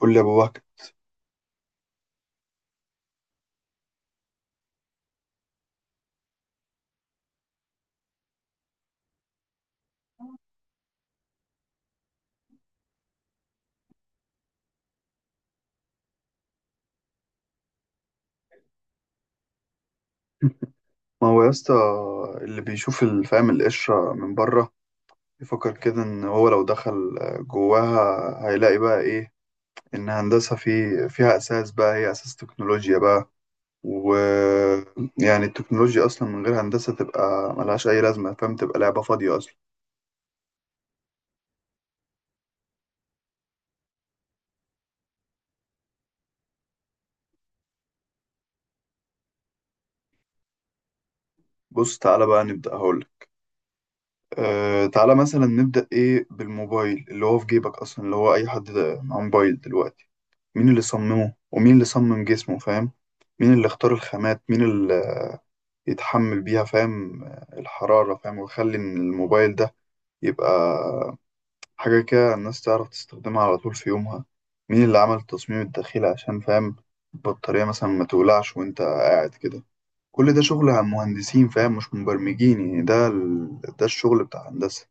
قول لي يا ابو بكر. ما هو يا اسطى، اللي بيشوف الفهم القشره من بره بيفكر كده ان هو لو دخل جواها هيلاقي بقى ايه. ان هندسه فيها اساس بقى، هي اساس تكنولوجيا بقى. و يعني التكنولوجيا اصلا من غير هندسه تبقى ملهاش اي لازمه فاهم، تبقى لعبه فاضيه اصلا. بص تعالى بقى نبدا، هقول تعالى مثلا نبدا ايه بالموبايل اللي هو في جيبك اصلا، اللي هو اي حد معاه موبايل دلوقتي. مين اللي صممه ومين اللي صمم جسمه فاهم؟ مين اللي اختار الخامات، مين اللي يتحمل بيها فاهم الحرارة، فاهم، ويخلي إن الموبايل ده يبقى حاجة كده الناس تعرف تستخدمها على طول في يومها. مين اللي عمل التصميم الداخلي عشان فاهم البطارية مثلا ما تولعش وانت قاعد كده. كل ده شغل عن مهندسين فاهم، مش مبرمجين. يعني ده ده الشغل بتاع الهندسة.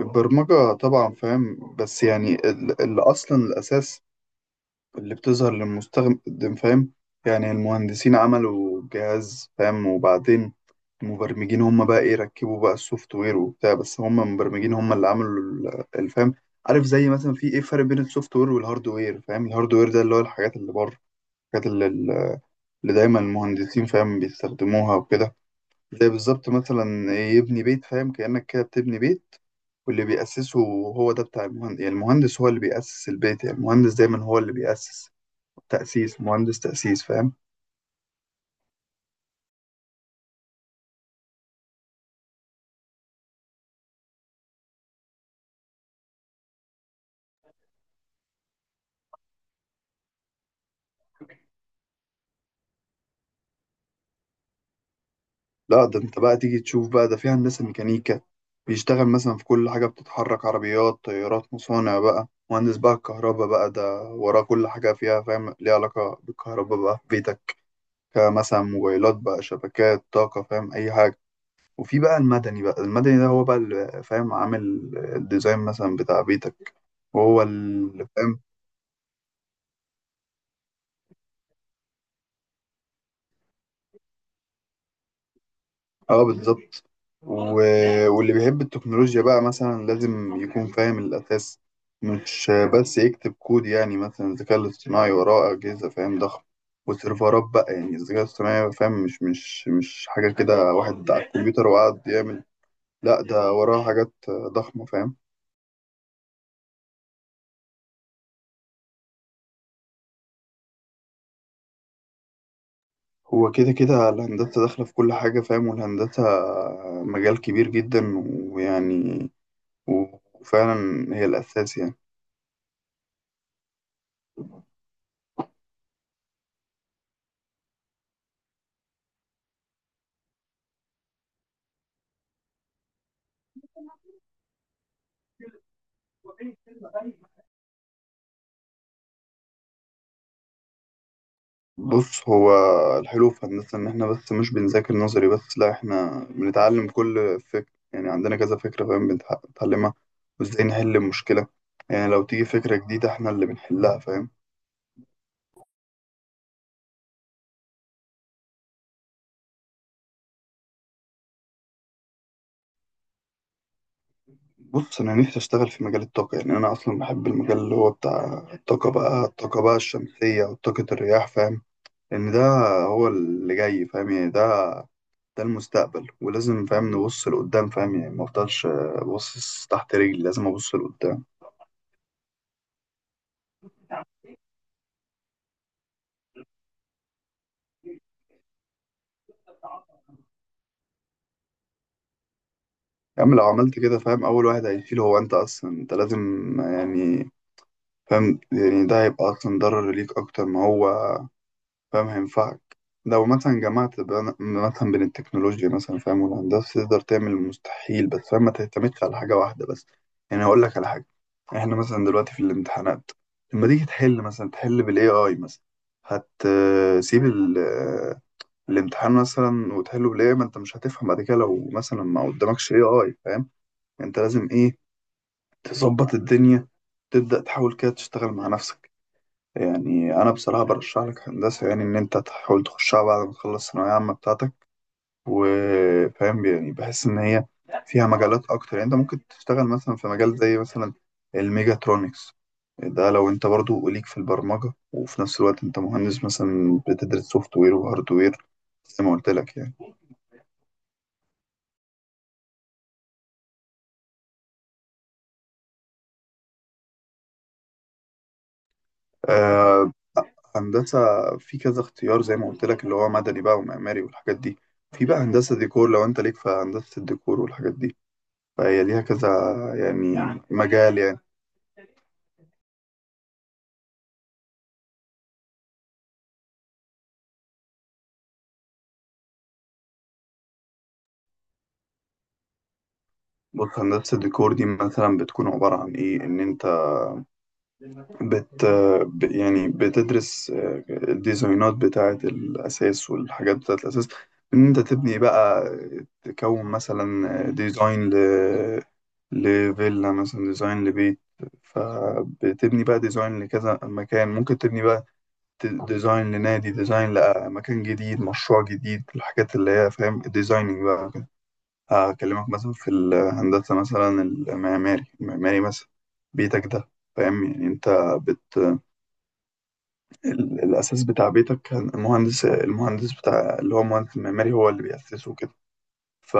البرمجة طبعا فاهم، بس يعني اللي أصلا الأساس اللي بتظهر للمستخدم فاهم. يعني المهندسين عملوا جهاز فاهم، وبعدين المبرمجين هم بقى ايه، ركبوا بقى السوفت وير وبتاع، بس هم المبرمجين هم اللي عملوا الفهم. عارف زي مثلا في ايه فرق بين السوفت وير والهارد وير، فاهم الهارد وير ده اللي هو الحاجات اللي بره، الحاجات اللي دايما المهندسين فاهم بيستخدموها وكده. زي بالظبط مثلا إيه، يبني بيت فاهم، كأنك كده بتبني بيت، واللي بيأسسه هو ده بتاع المهندس. يعني المهندس هو اللي بيأسس البيت، يعني المهندس دايما هو اللي بيأسس. تأسيس مهندس، تأسيس فاهم. لا ده انت بقى تيجي تشوف بقى، ده في هندسة ميكانيكا بيشتغل مثلا في كل حاجة بتتحرك، عربيات طيارات مصانع بقى. مهندس بقى الكهرباء بقى ده وراه كل حاجة فيها فاهم، ليها علاقة بالكهرباء بقى، في بيتك مثلا، موبايلات بقى، شبكات طاقة فاهم أي حاجة. وفي بقى المدني، بقى المدني ده هو بقى اللي فاهم عامل الديزاين مثلا بتاع بيتك، وهو اللي فاهم. اه بالظبط. و... واللي بيحب التكنولوجيا بقى مثلا لازم يكون فاهم الأساس، مش بس يكتب كود. يعني مثلا الذكاء الاصطناعي وراه أجهزة فاهم ضخم وسيرفرات بقى. يعني الذكاء الاصطناعي فاهم مش حاجة كده واحد على الكمبيوتر وقعد يعمل، لا ده وراه حاجات ضخمة فاهم. هو كده كده الهندسة داخلة في كل حاجة فاهم، والهندسة مجال كبير جدا ويعني، وفعلا هي الأساس. يعني بص هو الحلو في هندسة إن إحنا بس مش بنذاكر نظري بس، لأ إحنا بنتعلم كل فكرة. يعني عندنا كذا فكرة فاهم بنتعلمها وإزاي نحل المشكلة. يعني لو تيجي فكرة جديدة إحنا اللي بنحلها فاهم. بص أنا نفسي أشتغل في مجال الطاقة، يعني أنا أصلا بحب المجال اللي هو بتاع الطاقة بقى، الطاقة بقى الشمسية وطاقة الرياح فاهم. لأن ده هو اللي جاي فاهم، يعني ده المستقبل، ولازم فاهم نبص لقدام فاهم، يعني مفضلش باصص تحت رجلي، لازم أبص لقدام. يا عم لو عملت كده فاهم، أول واحد هيشيل هو أنت أصلا، أنت لازم يعني فاهم، يعني ده هيبقى أصلا ضرر ليك أكتر ما هو فاهم هينفعك. لو مثلا جمعت مثلا بين التكنولوجيا مثلا فاهم والهندسة تقدر تعمل المستحيل، بس فاهم ما تعتمدش على حاجة واحدة بس. يعني هقول لك على حاجة، إحنا مثلا دلوقتي في الامتحانات لما تيجي تحل مثلا تحل بال AI مثلا، هتسيب الامتحان مثلا وتحله بالاي، ما انت مش هتفهم بعد كده. لو مثلا ما قدامكش اي اي فاهم، انت لازم ايه، تظبط الدنيا، تبدأ تحاول كده تشتغل مع نفسك. يعني أنا بصراحة برشح لك هندسة، يعني إن أنت تحاول تخشها بعد ما تخلص الثانوية العامة بتاعتك. وفاهم يعني بحس إن هي فيها مجالات أكتر. يعني أنت ممكن تشتغل مثلا في مجال زي مثلا الميجاترونكس، ده لو أنت برضو ليك في البرمجة، وفي نفس الوقت أنت مهندس مثلا بتدرس سوفت وير وهارد وير، زي ما قلت لك يعني. آه، هندسة في كذا اختيار زي ما قلت لك، اللي هو مدني بقى ومعماري والحاجات دي. في بقى هندسة ديكور، لو انت ليك في هندسة الديكور والحاجات دي، فهي ليها كذا يعني مجال يعني. بص هندسة الديكور دي مثلا بتكون عبارة عن ايه، ان انت بت يعني بتدرس الديزاينات بتاعة الأساس والحاجات بتاعة الأساس، إن أنت تبني بقى، تكون مثلا ديزاين لفيلا مثلا، ديزاين لبيت. فبتبني بقى ديزاين لكذا مكان، ممكن تبني بقى ديزاين لنادي، ديزاين لمكان جديد، مشروع جديد، الحاجات اللي هي فاهم الديزايننج بقى وكده. هكلمك مثلا في الهندسة مثلا المعماري مثلا بيتك ده فاهم يعني انت، الأساس بتاع بيتك كان المهندس بتاع اللي هو المهندس المعماري هو اللي بيأسسه كده. ف...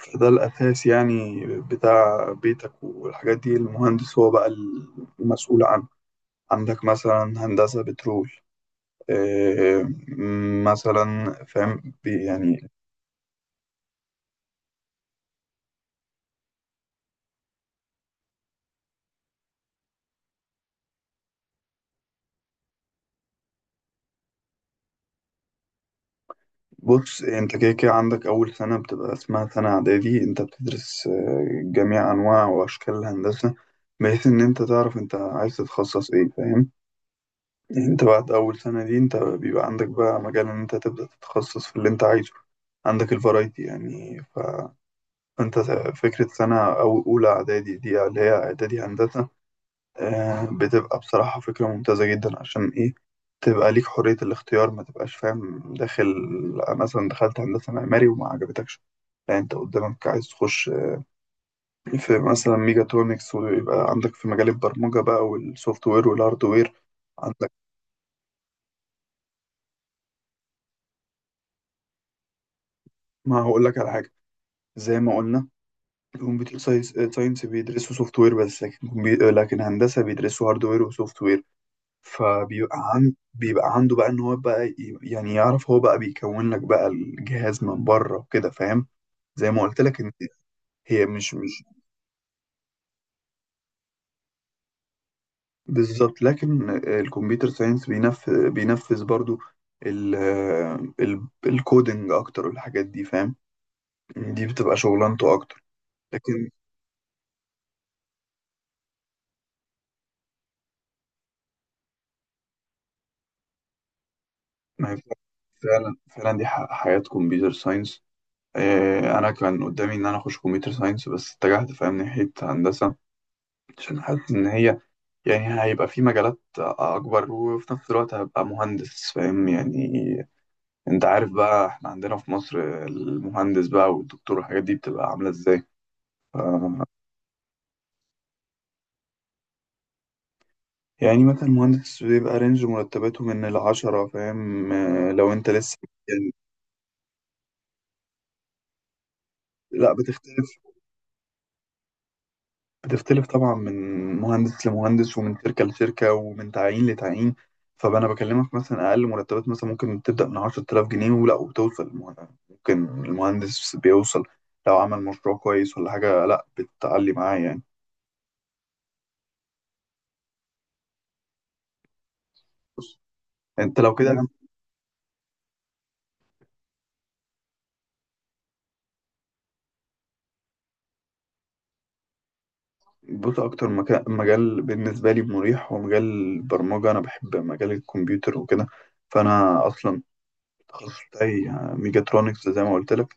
فده الأساس يعني بتاع بيتك والحاجات دي، المهندس هو بقى المسؤول عنه. عندك مثلا هندسة بترول، آه، مثلا فاهم يعني. بص انت كده كده عندك أول سنة بتبقى اسمها سنة إعدادي، انت بتدرس جميع أنواع وأشكال الهندسة، بحيث إن انت تعرف انت عايز تتخصص ايه فاهم. انت بعد اول سنة دي انت بيبقى عندك بقى مجال ان انت تبدأ تتخصص في اللي انت عايزه. عندك الفرايتي يعني، فانت فكرة سنة او اولى اعدادي دي اللي هي اعدادي هندسة، بتبقى بصراحة فكرة ممتازة جدا. عشان ايه؟ تبقى ليك حرية الاختيار، ما تبقاش فاهم داخل مثلا دخلت هندسة معماري وما عجبتكش. لا انت قدامك عايز تخش في مثلا ميجاترونكس، ويبقى عندك في مجال البرمجة بقى والسوفت وير والهارد وير. عندك ما هقول لك على حاجة، زي ما قلنا كمبيوتر ساينس، ساينس بيدرسوا سوفت وير بس، لكن لكن هندسه بيدرسوا هارد وير وسوفت وير. فبيبقى بيبقى عنده بقى ان هو بقى يعني يعرف هو بقى بيكون لك بقى الجهاز من بره وكده فاهم. زي ما قلت لك ان هي مش بالظبط، لكن الكمبيوتر ساينس بينفذ برضو ال... الكودينج اكتر والحاجات دي فاهم، دي بتبقى شغلانته اكتر. لكن ما هي فعلا فعلا دي حياة كمبيوتر ساينس. انا كان قدامي ان انا اخش كمبيوتر ساينس بس اتجهت فاهم ناحيه هندسه، عشان حاسس ان هي يعني هيبقى في مجالات اكبر، وفي نفس الوقت هبقى مهندس فاهم يعني. انت عارف بقى احنا عندنا في مصر المهندس بقى والدكتور والحاجات دي بتبقى عامله ازاي. ف- يعني مثلا مهندس بيبقى رينج مرتباته من العشرة فاهم، لو انت لسه يعني. لا بتختلف، بتختلف طبعا من مهندس لمهندس، ومن شركة لشركة، ومن تعيين لتعيين. فأنا بكلمك مثلا أقل مرتبات مثلا ممكن تبدأ من 10,000 جنيه ولا، وتوصل ممكن المهندس بيوصل لو عمل مشروع كويس ولا حاجة، لا بتعلي معاه يعني. بص أنت لو كده انا، بص أكتر مجال بالنسبة لي مريح هو مجال البرمجة، أنا بحب مجال الكمبيوتر وكده. فأنا أصلا التخصص بتاعي ميجاترونكس زي ما قلت لك،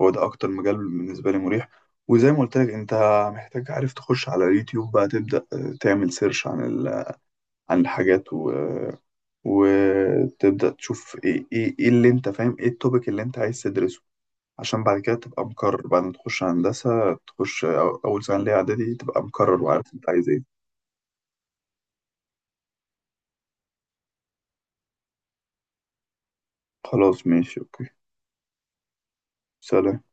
هو ده اكتر مجال بالنسبه لي مريح. وزي ما قلت لك انت محتاج عارف تخش على اليوتيوب بقى، تبدا تعمل سيرش عن عن الحاجات وتبدا تشوف ايه ايه إيه اللي انت فاهم ايه التوبيك اللي انت عايز تدرسه. عشان بعد كده تبقى مقرر بعد ما تخش هندسه، تخش اول سنه ليها اعدادي، تبقى مقرر وعارف انت عايز ايه. خلاص ماشي اوكي. سلام.